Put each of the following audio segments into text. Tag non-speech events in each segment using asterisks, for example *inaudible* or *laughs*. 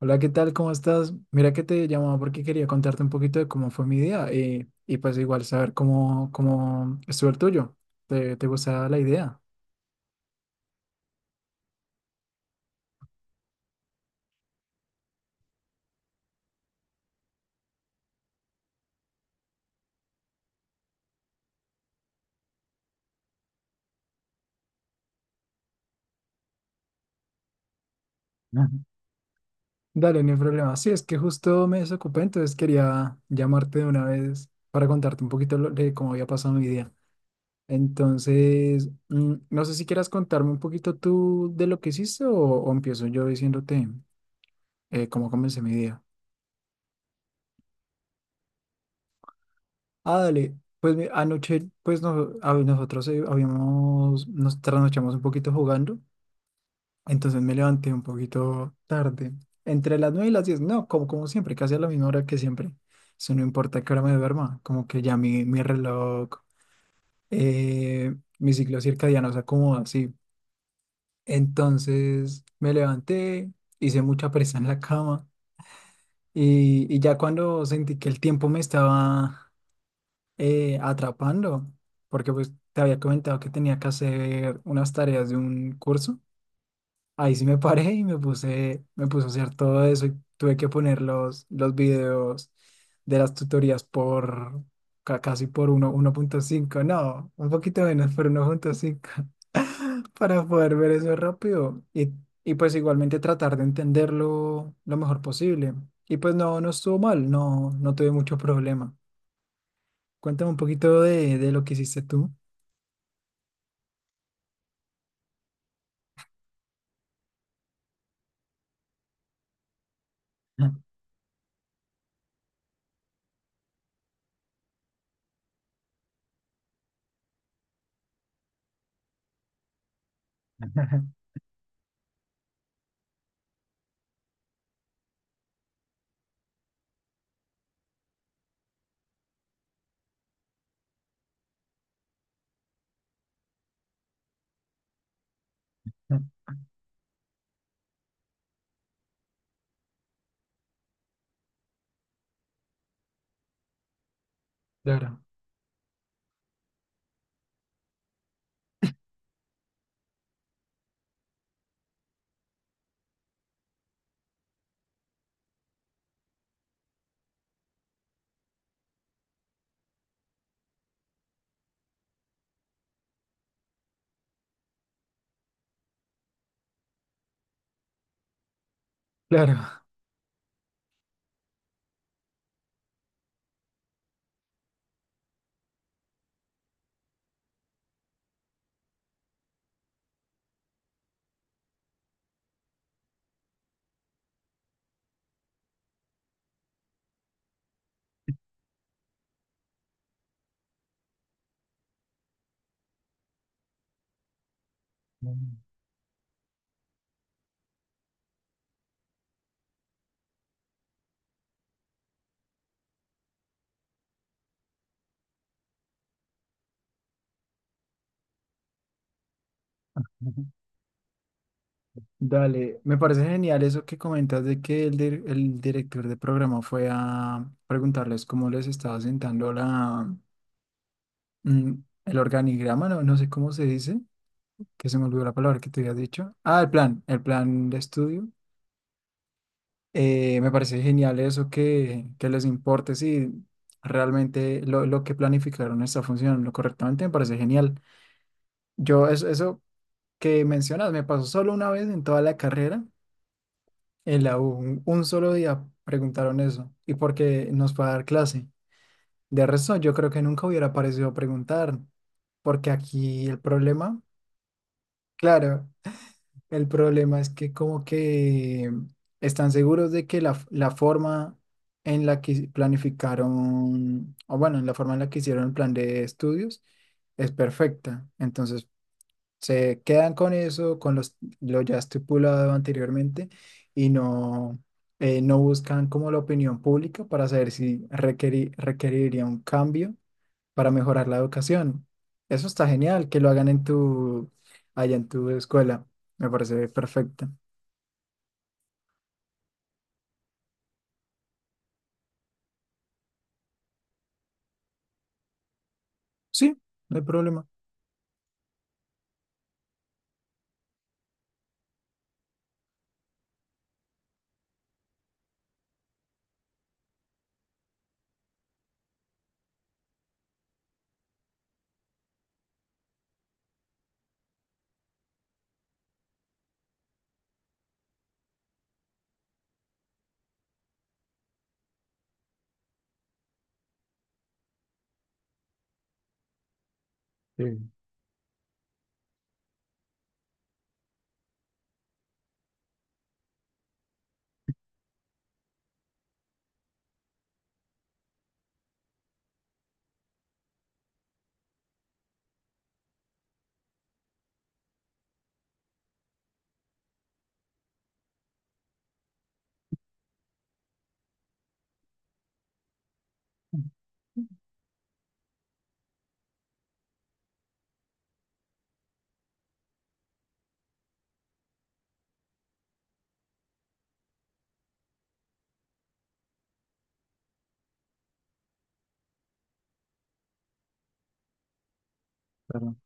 Hola, ¿qué tal? ¿Cómo estás? Mira que te llamaba porque quería contarte un poquito de cómo fue mi día y, pues igual saber cómo estuvo el tuyo. ¿Te gustaba la idea? Ujú. Dale, no hay problema. Sí, es que justo me desocupé, entonces quería llamarte de una vez para contarte un poquito de cómo había pasado mi día. Entonces, no sé si quieras contarme un poquito tú de lo que hiciste o empiezo yo diciéndote cómo comencé mi día. Ah, dale. Anoche, pues no, a- nosotros habíamos, nos trasnochamos un poquito jugando, entonces me levanté un poquito tarde, entre las 9 y las 10. No, como siempre, casi a la misma hora que siempre. Eso no importa qué hora me duerma, como que ya mi reloj, mi ciclo circadiano se acomoda así. Entonces me levanté, hice mucha presa en la cama y ya cuando sentí que el tiempo me estaba atrapando, porque pues te había comentado que tenía que hacer unas tareas de un curso. Ahí sí me paré y me puse a hacer todo eso y tuve que poner los videos de las tutorías por casi por 1.5, no, un poquito menos, por 1.5 *laughs* para poder ver eso rápido y pues igualmente tratar de entenderlo lo mejor posible. Y pues no, no estuvo mal, no, no tuve mucho problema. Cuéntame un poquito de lo que hiciste tú. *laughs* Claro, claro. Dale, me parece genial eso que comentas de que el director de programa fue a preguntarles cómo les estaba sentando mm, el organigrama, no, no sé cómo se dice, que se me olvidó la palabra que te había dicho. Ah, el plan de estudio. Me parece genial eso que les importe si realmente lo que planificaron está funcionando correctamente, me parece genial. Yo eso que mencionas, me pasó solo una vez en toda la carrera, en la U, un solo día preguntaron eso, y porque nos fue a dar clase. De resto, yo creo que nunca hubiera parecido preguntar, porque aquí el problema, claro, el problema es que como que están seguros de que la forma en la que planificaron, o bueno, en la forma en la que hicieron el plan de estudios es perfecta. Entonces, se quedan con eso, con lo ya estipulado anteriormente y no, no buscan como la opinión pública para saber si requeriría un cambio para mejorar la educación. Eso está genial, que lo hagan en allá en tu escuela. Me parece perfecto. Sí, no hay problema. Sí, claro.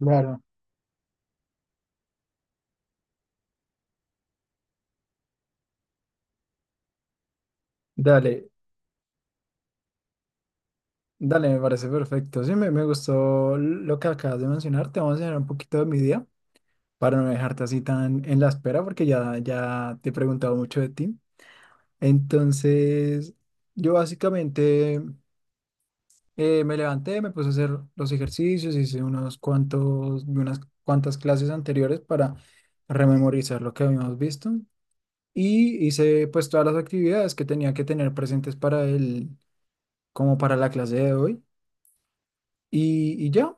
Claro, dale, dale, me parece perfecto. Sí, me gustó lo que acabas de mencionar. Te voy a enseñar un poquito de mi día, para no dejarte así tan en la espera, porque ya te he preguntado mucho de ti. Entonces, yo básicamente me levanté, me puse a hacer los ejercicios, hice unos cuantos, unas cuantas clases anteriores para rememorizar lo que habíamos visto y hice pues todas las actividades que tenía que tener presentes para como para la clase de hoy. Y ya,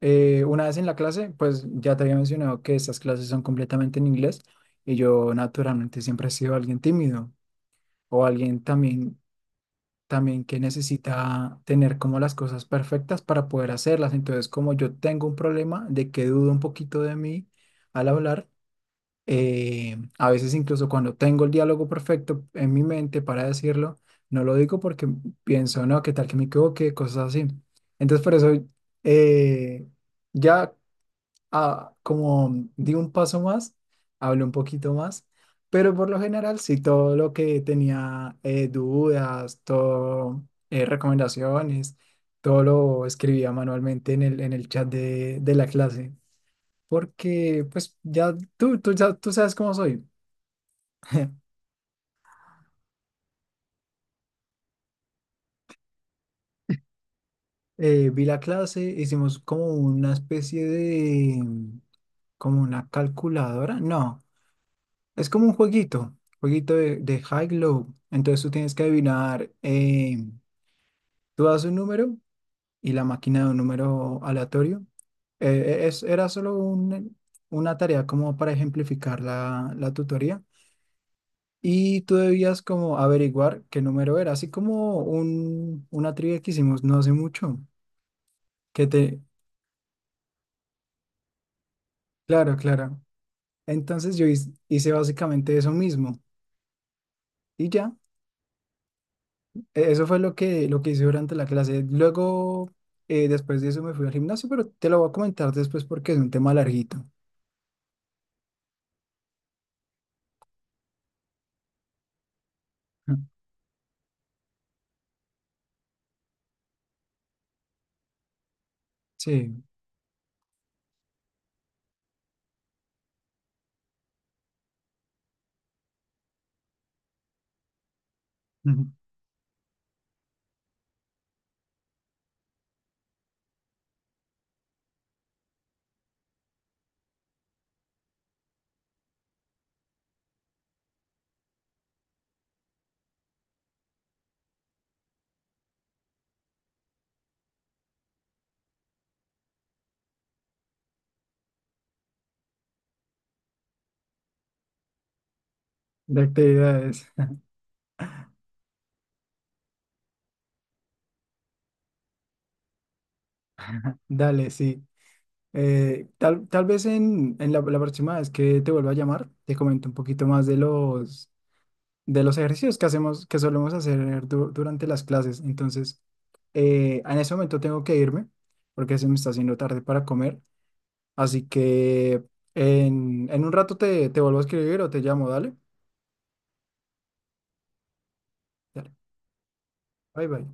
una vez en la clase, pues ya te había mencionado que estas clases son completamente en inglés y yo naturalmente siempre he sido alguien tímido o alguien también, también que necesita tener como las cosas perfectas para poder hacerlas. Entonces, como yo tengo un problema de que dudo un poquito de mí al hablar, a veces incluso cuando tengo el diálogo perfecto en mi mente para decirlo, no lo digo porque pienso, no, qué tal que me equivoque, cosas así. Entonces por eso eh, ya como di un paso más, hablé un poquito más, pero por lo general sí, todo lo que tenía dudas, todo recomendaciones, todo lo escribía manualmente en en el chat de la clase. Porque, pues, ya tú sabes cómo soy. *laughs* Vi la clase, hicimos como una especie de, como una calculadora. No, es como un jueguito, jueguito de high-low. Entonces tú tienes que adivinar, tú das un número y la máquina da un número aleatorio. Era solo una tarea como para ejemplificar la tutoría. Y tú debías como averiguar qué número era, así como una trivia que hicimos no hace mucho, que te... Claro, claro. Entonces yo hice básicamente eso mismo y ya, eso fue lo lo que hice durante la clase. Luego, después de eso me fui al gimnasio, pero te lo voy a comentar después porque es un tema larguito. *laughs* Sí, ujú, de actividades. *laughs* Dale, sí. Tal vez en la próxima vez que te vuelva a llamar, te comento un poquito más de de los ejercicios que hacemos, que solemos hacer durante las clases. Entonces, en ese momento tengo que irme porque se me está haciendo tarde para comer. Así que en un rato te vuelvo a escribir o te llamo, dale. Dale. Bye bye.